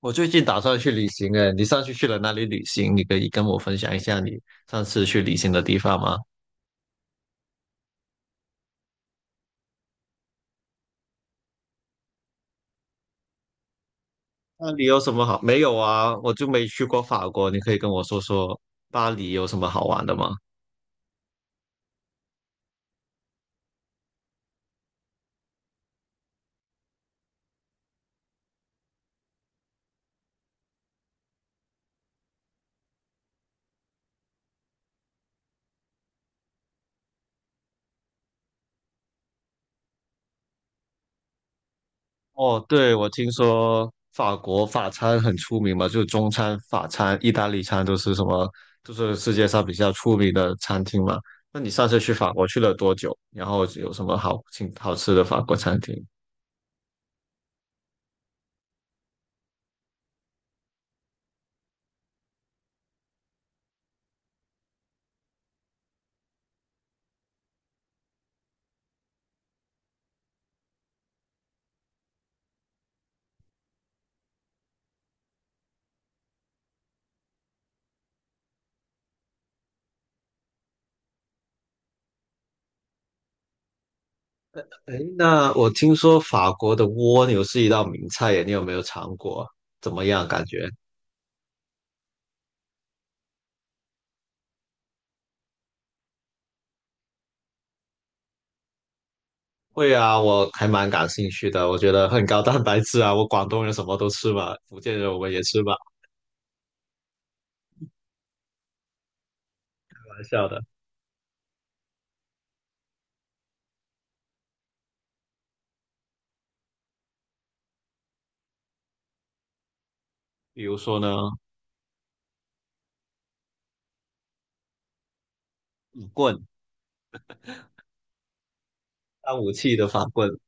我最近打算去旅行哎，你上次去了哪里旅行？你可以跟我分享一下你上次去旅行的地方吗？那里有什么好？没有啊，我就没去过法国，你可以跟我说说巴黎有什么好玩的吗？哦，对，我听说法国法餐很出名嘛，就中餐、法餐、意大利餐都是什么，都是世界上比较出名的餐厅嘛。那你上次去法国去了多久？然后有什么好请好吃的法国餐厅？哎，那我听说法国的蜗牛是一道名菜耶，你有没有尝过？怎么样感觉？会啊，我还蛮感兴趣的，我觉得很高蛋白质啊。我广东人什么都吃嘛，福建人我们也吃嘛，开玩笑的。比如说呢，法棍，当武器的法棍。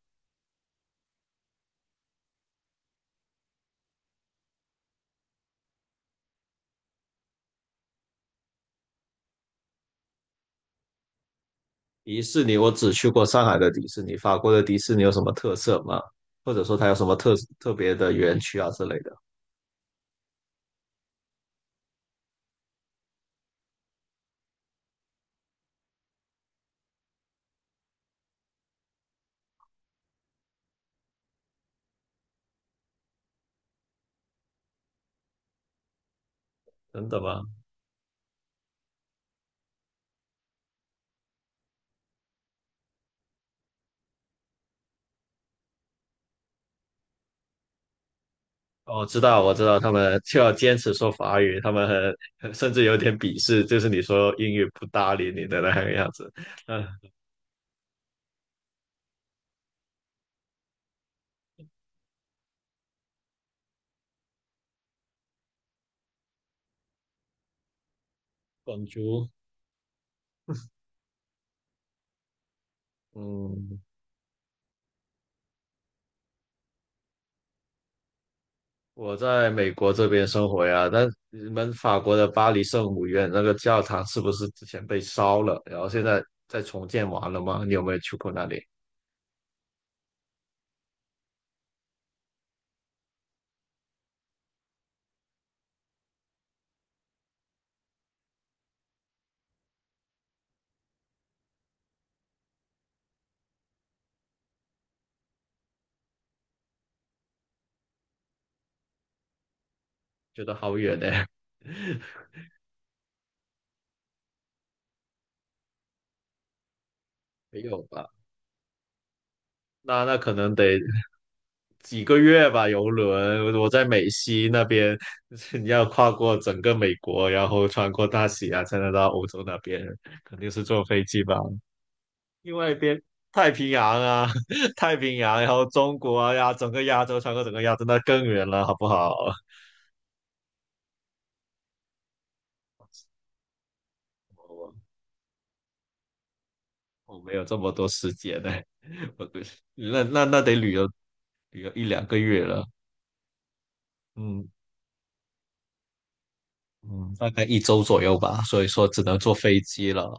迪士尼我只去过上海的迪士尼，法国的迪士尼有什么特色吗？或者说它有什么特别的园区啊之类的？真的吗？我知道，我知道，他们就要坚持说法语，他们很甚至有点鄙视，就是你说英语不搭理你的那个样子。嗯，广州，嗯，我在美国这边生活呀，那你们法国的巴黎圣母院那个教堂是不是之前被烧了，然后现在在重建完了吗？你有没有去过那里？觉得好远呢。没有吧？那可能得几个月吧，游轮。我在美西那边，你要跨过整个美国，然后穿过大西洋才能到欧洲那边，肯定是坐飞机吧。另外一边太平洋啊，太平洋，然后中国啊呀，整个亚洲穿过整个亚洲，那更远了，好不好？我我没有这么多时间呢、我对，那得旅游一两个月了，嗯嗯，大概1周左右吧，所以说只能坐飞机了。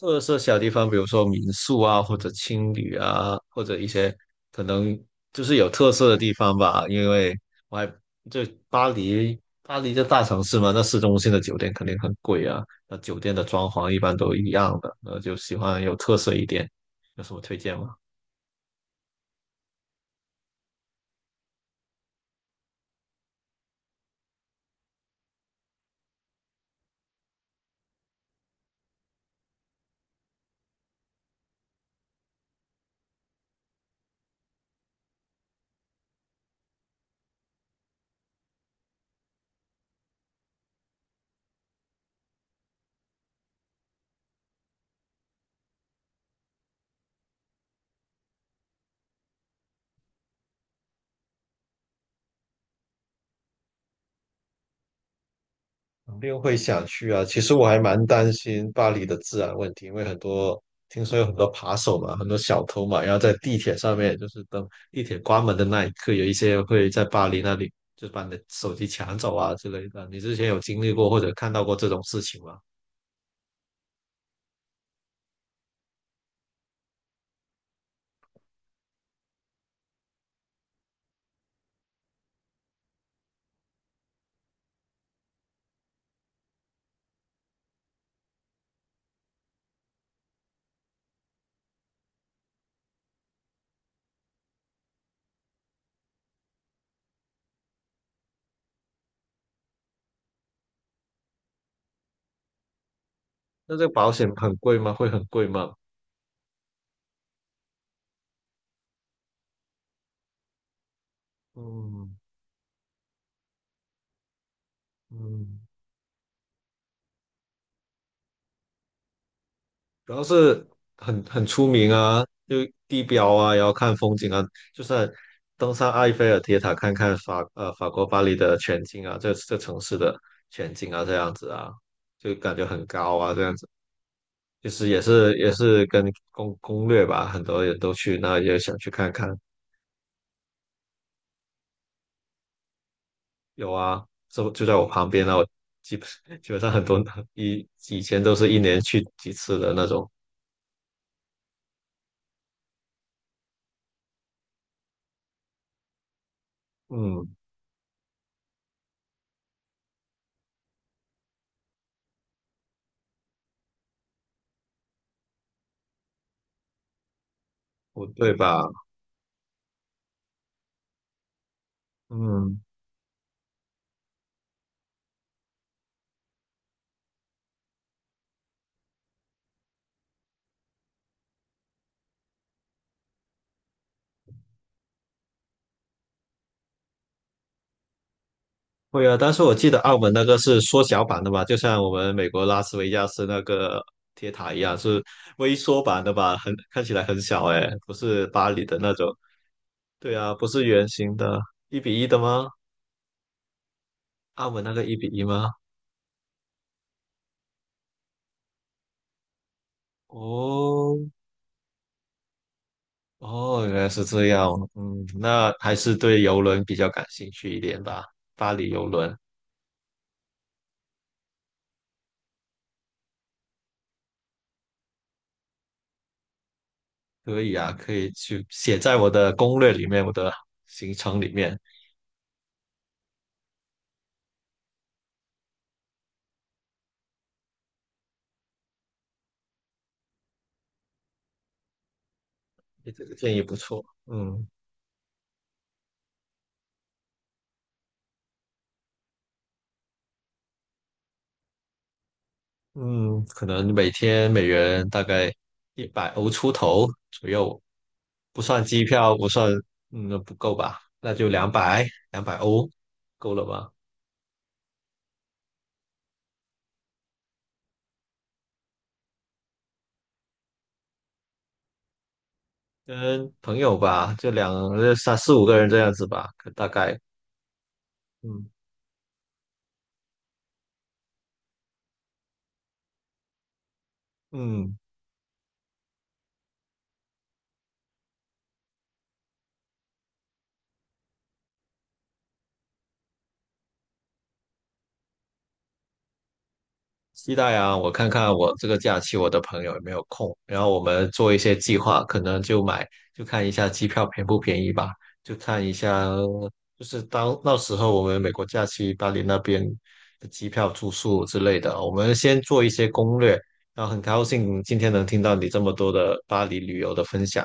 特色小地方，比如说民宿啊，或者青旅啊，或者一些可能就是有特色的地方吧。因为我还就巴黎这大城市嘛，那市中心的酒店肯定很贵啊。那酒店的装潢一般都一样的，那就喜欢有特色一点。有什么推荐吗？肯定会想去啊。其实我还蛮担心巴黎的治安问题，因为很多听说有很多扒手嘛，很多小偷嘛，然后在地铁上面，就是等地铁关门的那一刻，有一些会在巴黎那里就把你的手机抢走啊之类的。你之前有经历过或者看到过这种事情吗？那这个保险很贵吗？会很贵吗？嗯嗯。主要是很出名啊，就地标啊，然后看风景啊，就算登上埃菲尔铁塔看法国巴黎的全景啊，这城市的全景啊，这样子啊，就感觉很高啊，这样子，就是也是跟攻略吧，很多人都去那也想去看看，有啊，就在我旁边啊，我基本 基本上很多以前都是1年去几次的那种，嗯，不对吧？嗯。会啊，但是我记得澳门那个是缩小版的吧，就像我们美国拉斯维加斯那个铁塔一样，是微缩版的吧？很看起来很小哎，不是巴黎的那种。对啊，不是圆形的，一比一的吗？澳门那个一比一吗？哦哦，原来是这样。嗯，那还是对游轮比较感兴趣一点吧。巴黎游轮可以啊，可以去写在我的攻略里面，我的行程里面。你这个建议不错。嗯。嗯，可能每天每人大概100欧出头左右，不算机票，不算，嗯，不够吧？那就两百，200欧够了吧？跟朋友吧，就两，呃三四五个人这样子吧，可大概，嗯嗯，期待啊！我看看我这个假期我的朋友有没有空，然后我们做一些计划，可能就买，就看一下机票便不便宜吧，就看一下，就是当那时候我们美国假期巴黎那边的机票、住宿之类的啊，我们先做一些攻略。然后很高兴今天能听到你这么多的巴黎旅游的分享，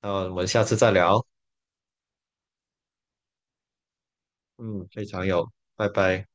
那我们下次再聊。嗯，非常有，拜拜。